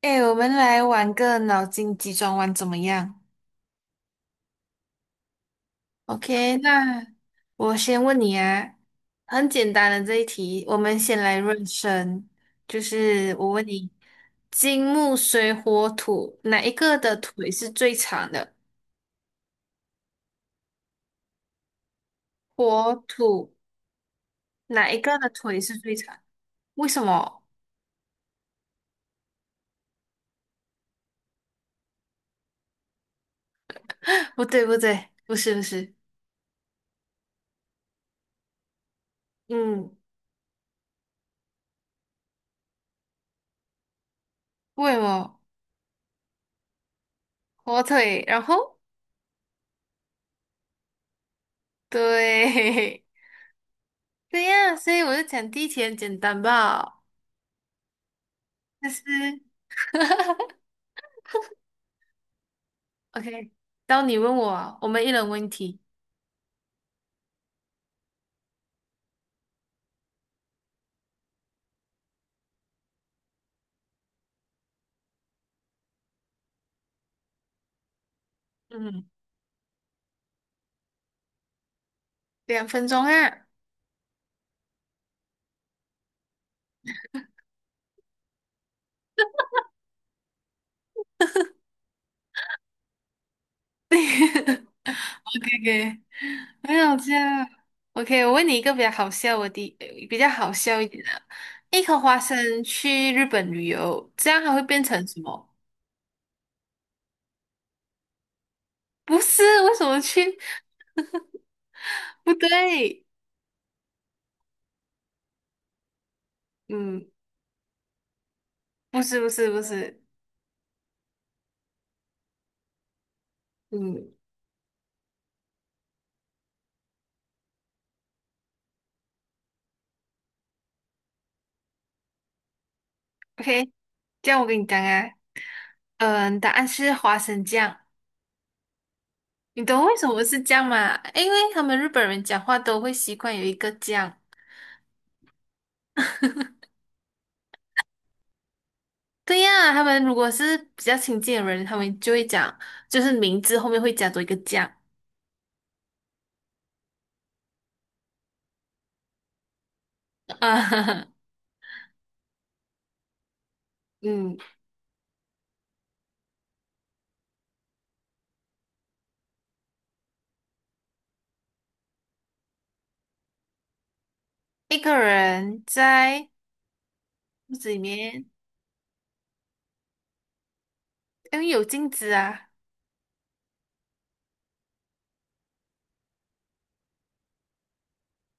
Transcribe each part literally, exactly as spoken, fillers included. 哎，我们来玩个脑筋急转弯怎么样？OK，那我先问你啊，很简单的这一题，我们先来热身，就是我问你，金木水火土哪一个的腿是最长的？火土哪一个的腿是最长？为什么？不对，不对，不是，不是，嗯，为什么？火腿，然后对，对呀，所以我就讲第一题很简单吧。思思 ，OK，到你问我啊我们一人问一题，嗯，两分钟啊，OK OK，没有这 o k 我问你一个比较好笑的地呃比较好笑一点的，一颗花生去日本旅游，这样还会变成什么？不是，为什么去？不对，嗯，不是不是不是，嗯，OK，这样我跟你讲啊，嗯，答案是花生酱。你懂为什么是这样吗？因为他们日本人讲话都会习惯有一个这样。对呀，他们如果是比较亲近的人，他们就会讲，就是名字后面会加多一个这样。啊，嗯，一个人在屋子里面，因为有镜子啊。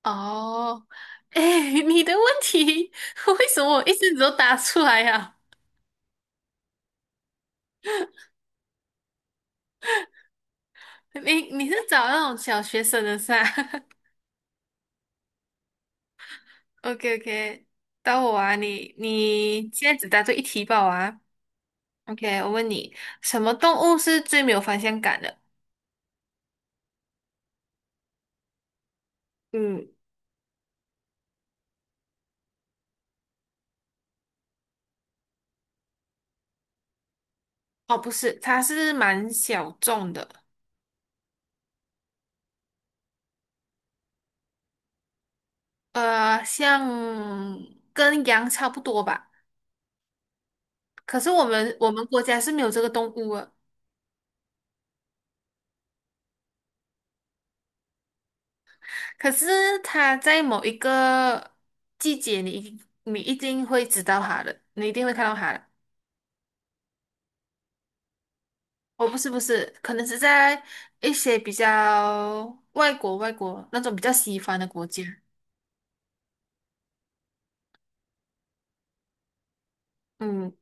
哦，哎，你的问题 为什么我一直都答出来呀、你你是找那种小学生的是吧 o k o k 到我啊，你你现在只答对一题吧我啊。OK，我问你，什么动物是最没有方向感的？嗯，哦，不是，它是蛮小众的，呃，像跟羊差不多吧。可是我们我们国家是没有这个动物的。可是它在某一个季节你，一你一定会知道它的，你一定会看到它的。哦，不是不是，可能是在一些比较外国外国那种比较西方的国家。嗯。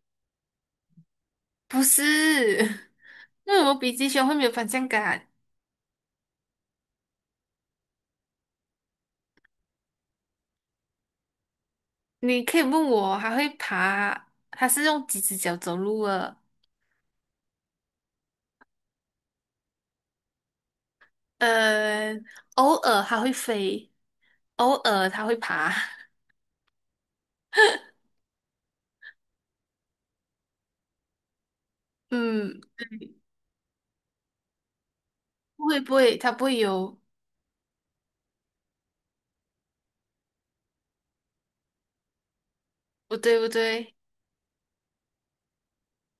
不是，因为我比鸡胸会没有方向感。你可以问我，还会爬，它是用几只脚走路的？呃，偶尔它会飞，偶尔它会爬。嗯，不会不会，它不会游。不对不对，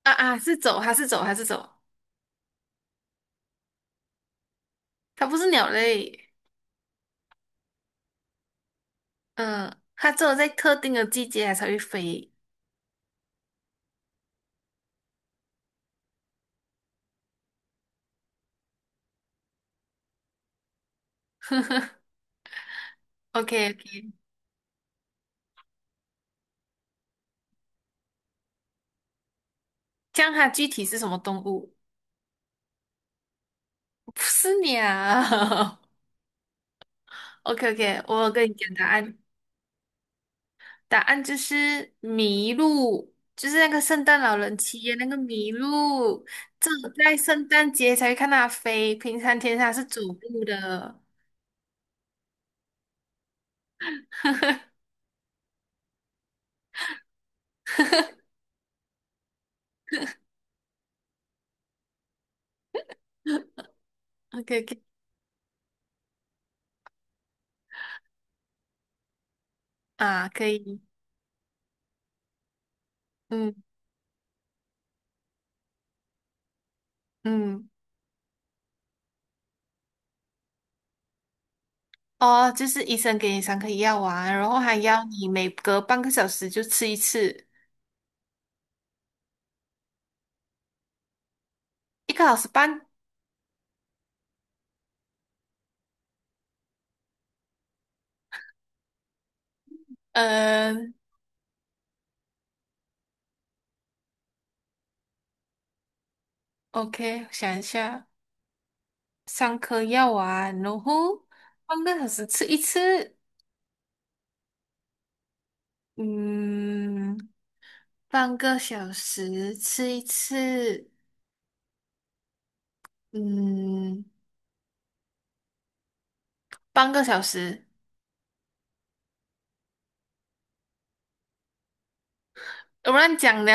啊啊，是走，它是走，它是走，它不是鸟类。嗯，它只有在特定的季节它才会飞。OK OK，这样它具体是什么动物？不是鸟。OK OK，我有跟你讲答案。答案就是麋鹿，就是那个圣诞老人骑的那个麋鹿，只有在圣诞节才会看它飞，平常天它是走路的。OK OK 啊，可以，嗯嗯，哦，就是医生给你三颗药丸，然后还要你每隔半个小时就吃一次，一个小时半。嗯，OK，想一下，三颗药丸，然后半个小时吃一次。嗯，半个小时吃一次，嗯，半个小时，我乱讲的，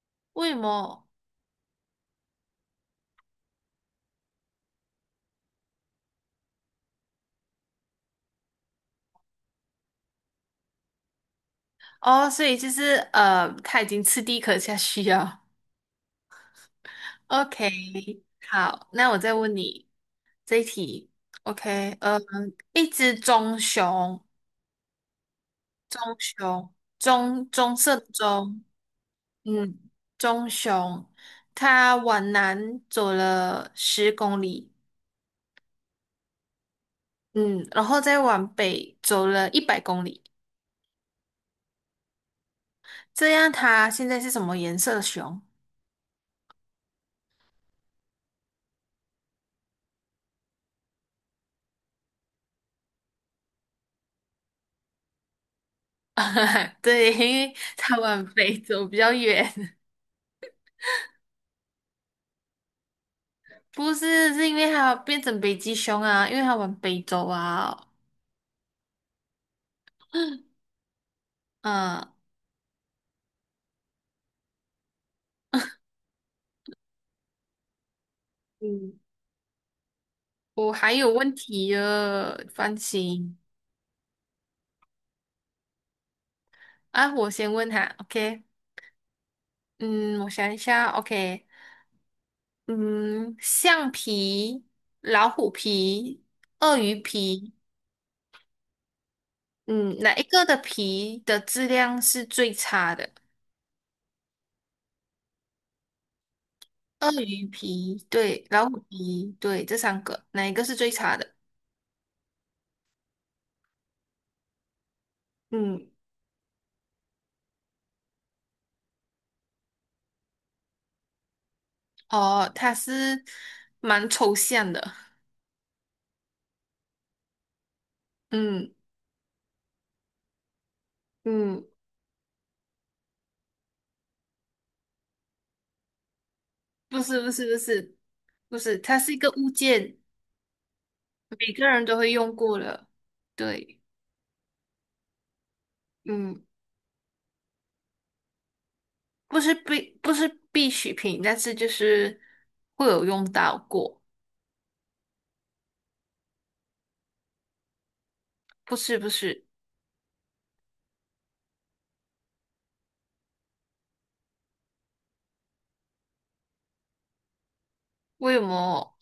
为什么？哦，所以就是呃，他已经吃第一颗下去了。OK，好，那我再问你这一题。OK，呃，一只棕熊，棕熊，棕棕色的棕，嗯，棕熊，它往南走了十公里。嗯，然后再往北走了一百公里，这样它现在是什么颜色的熊？对，因为它往北走比较远，不是，是因为它变成北极熊啊，因为它往北走啊。嗯，嗯，我还有问题了，放心啊，我先问他，OK？嗯，我想一下，OK？嗯，橡皮、老虎皮、鳄鱼皮嗯，哪一个的皮的质量是最差的？鳄鱼皮，对，老虎皮，对，这三个，哪一个是最差的？嗯，哦，它是蛮抽象的。嗯嗯，不是不是不是不是，它是一个物件，每个人都会用过的。对，嗯，不是必不是必需品，但是就是会有用到过。不是不是，为什么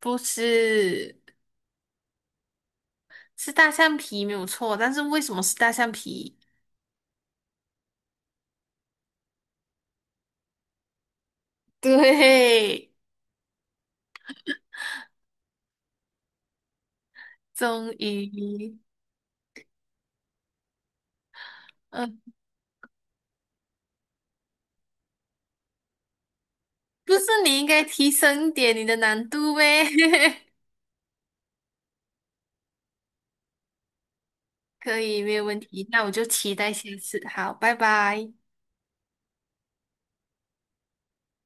不是？是大象皮没有错，但是为什么是大象皮？对，终于，嗯、不是你应该提升一点你的难度呗？可以，没有问题。那我就期待下次。好，拜拜。